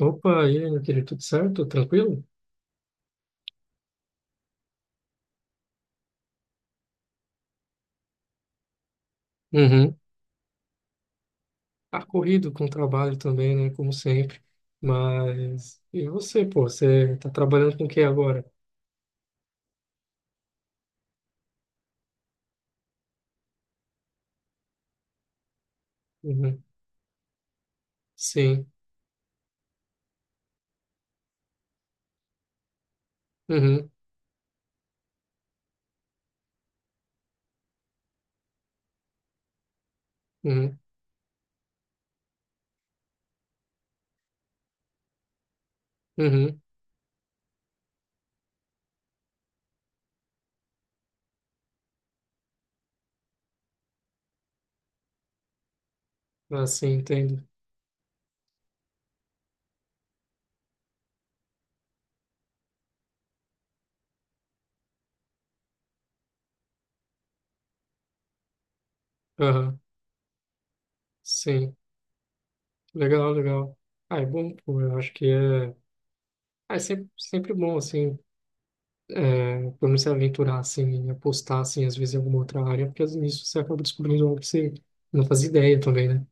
Opa, e aí, meu querido, tudo certo? Tranquilo? Uhum. Tá corrido com o trabalho também, né? Como sempre. E você, pô? Você tá trabalhando com o que agora? Uhum. Sim. Uhum. Uhum. Uhum. Ah, sim, entendo. Aham. Sim. Legal, legal. Ah, é bom, pô. Eu acho que é. Ah, é sempre, sempre bom, assim, é, por não se aventurar, assim, em apostar, assim, às vezes em alguma outra área, porque nisso você acaba descobrindo algo que você não fazia ideia também, né?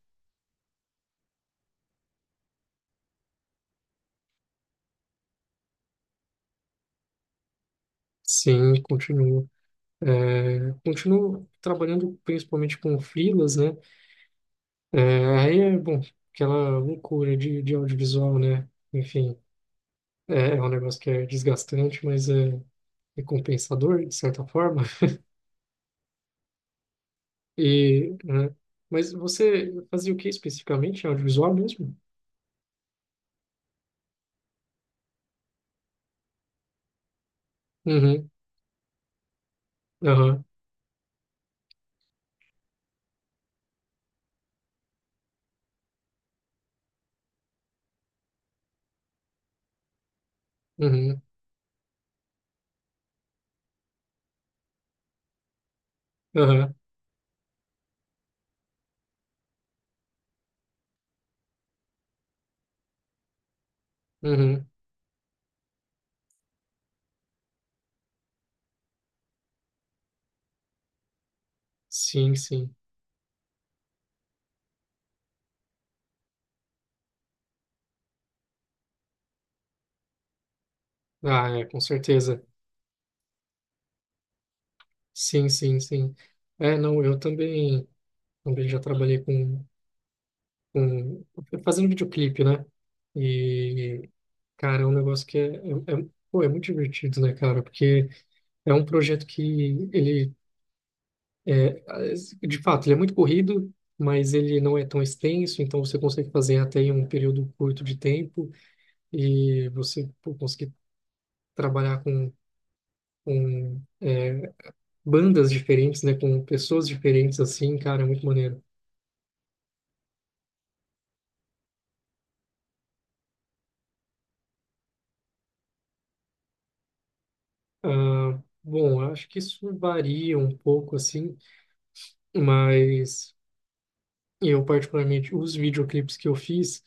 Sim, continua. É, continuo trabalhando principalmente com freelas, né? É, aí bom, aquela loucura de audiovisual, né? Enfim, é um negócio que é desgastante, mas é recompensador, de certa forma. E, né? Mas você fazia o que especificamente? Audiovisual mesmo? Uhum, aham, uhum, aham, uhum. Sim, sim. Ah, é, com certeza. Sim, sim, sim. Não, eu também, também já trabalhei com- fazendo videoclipe, né? E, cara, é um negócio que pô, é muito divertido, né, cara? Porque é um projeto de fato, ele é muito corrido, mas ele não é tão extenso, então você consegue fazer até em um período curto de tempo e você, pô, conseguir trabalhar com bandas diferentes, né? Com pessoas diferentes, assim, cara, é muito maneiro. Ah, bom, acho que isso varia um pouco, assim, mas... Eu, particularmente, os videoclipes que eu fiz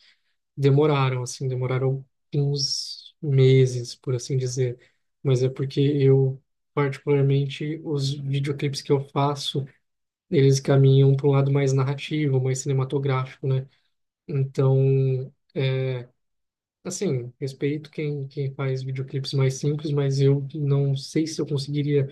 demoraram, assim, demoraram uns meses, por assim dizer. Mas é porque eu, particularmente, os videoclipes que eu faço, eles caminham para um lado mais narrativo, mais cinematográfico, né? Então, assim, respeito quem, quem faz videoclipes mais simples, mas eu não sei se eu conseguiria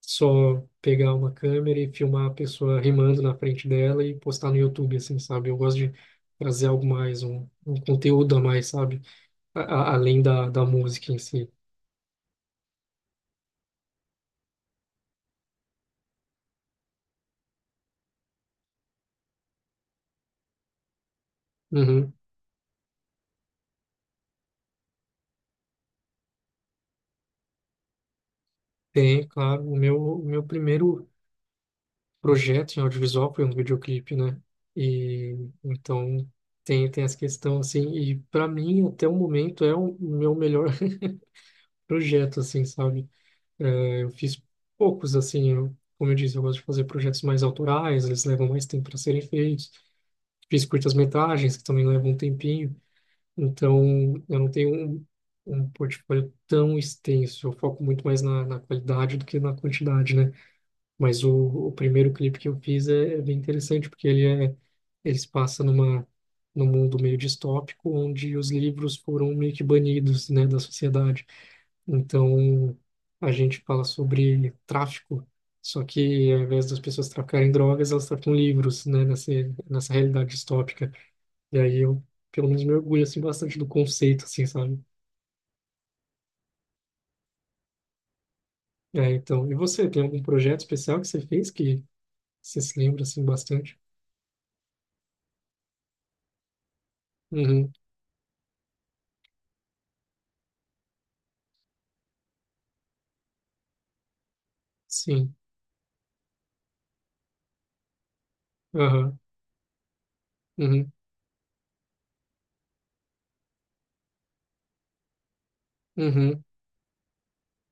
só pegar uma câmera e filmar a pessoa rimando na frente dela e postar no YouTube, assim, sabe? Eu gosto de trazer algo mais, um conteúdo a mais, sabe? Além da música em si. Uhum. Tem, claro, o meu primeiro projeto em audiovisual foi um videoclipe, né? E então tem essa questão, assim, e para mim, até o momento, é o meu melhor projeto, assim, sabe? É, eu fiz poucos, assim, eu, como eu disse, eu gosto de fazer projetos mais autorais, eles levam mais tempo para serem feitos. Fiz curtas-metragens, que também levam um tempinho, então eu não tenho um portfólio tão extenso, eu foco muito mais na qualidade do que na quantidade, né? Mas o primeiro clipe que eu fiz é bem interessante, porque ele se passa num mundo meio distópico, onde os livros foram meio que banidos, né, da sociedade. Então, a gente fala sobre tráfico, só que ao invés das pessoas traficarem drogas, elas traficam livros, né, nessa realidade distópica. E aí eu, pelo menos, me orgulho, assim, bastante do conceito, assim, sabe? É, então, e você, tem algum projeto especial que você fez que você se lembra, assim, bastante? Uhum, sim. Aham, uhum, uhum,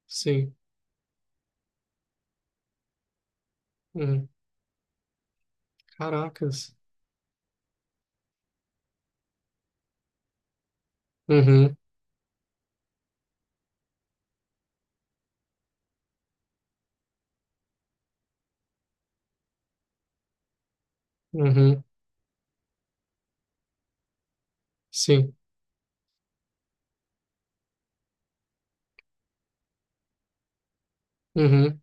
sim, uhum, caracas, uhum, uhum, sim, uhum,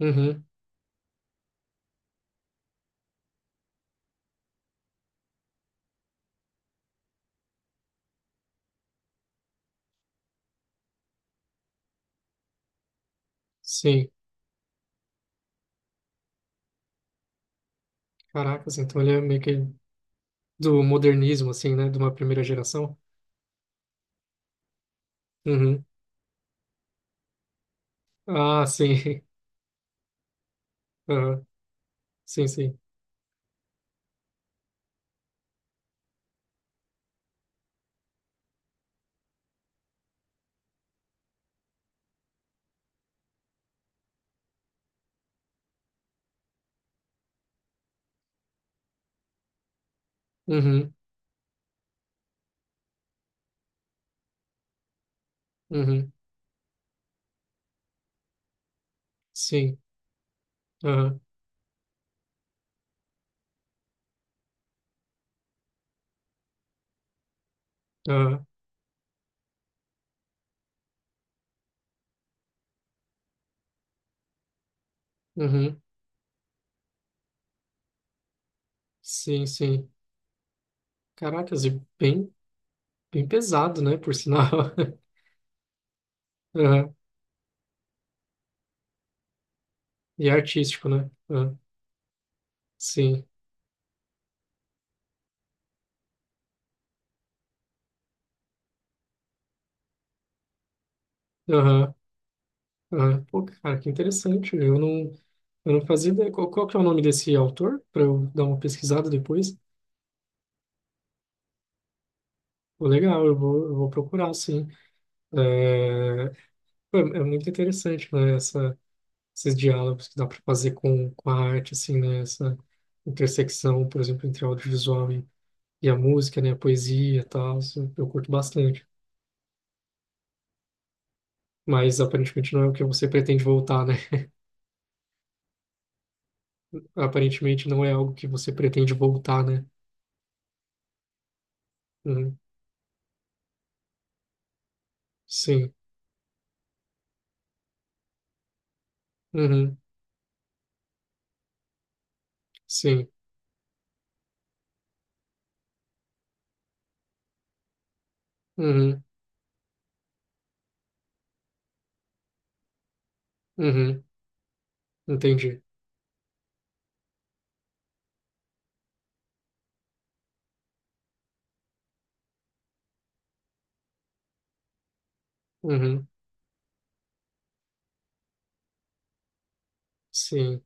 uhum, sim, caracas, então ele é meio que do modernismo, assim, né, de uma primeira geração, uhum, ah, sim, aham, sim, sim, uhum, uhum, sim, aham, aham, uhum, sim, sim, caracas, e bem, bem pesado, né, por sinal, aham, e artístico, né, aham, sim, Aham. Ah, pô, cara, que interessante. Eu não fazia ideia. Qual, qual que é o nome desse autor? Para eu dar uma pesquisada depois. Pô, legal, eu vou procurar, sim. É, pô, é muito interessante, né? Essa, esses diálogos que dá para fazer com a arte, assim, né? Essa intersecção, por exemplo, entre audiovisual e a música, né? A poesia e tal. Isso eu curto bastante. Mas aparentemente não é o que você pretende voltar, né? Aparentemente não é algo que você pretende voltar, né? Uhum, sim. Uhum, sim. Uhum, uhum, entendi. Uhum, sim.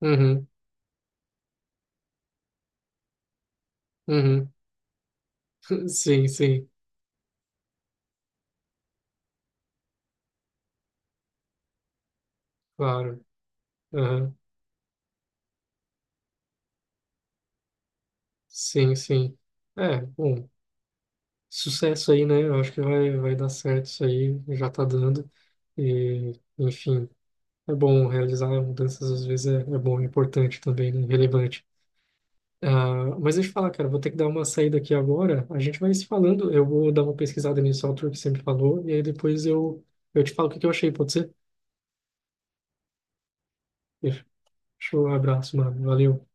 Uhum, uhum, sim, sim, claro. Uhum, sim, sim. É, bom, sucesso aí, né? Eu acho que vai, vai dar certo isso aí, já tá dando. E, enfim, é bom realizar mudanças, às vezes é bom, é importante também, né? Relevante. Ah, mas deixa eu falar, cara, vou ter que dar uma saída aqui agora. A gente vai se falando. Eu vou dar uma pesquisada nesse autor que sempre falou, e aí eu te falo o que que eu achei, pode ser? Show, abraço, mano. Valeu.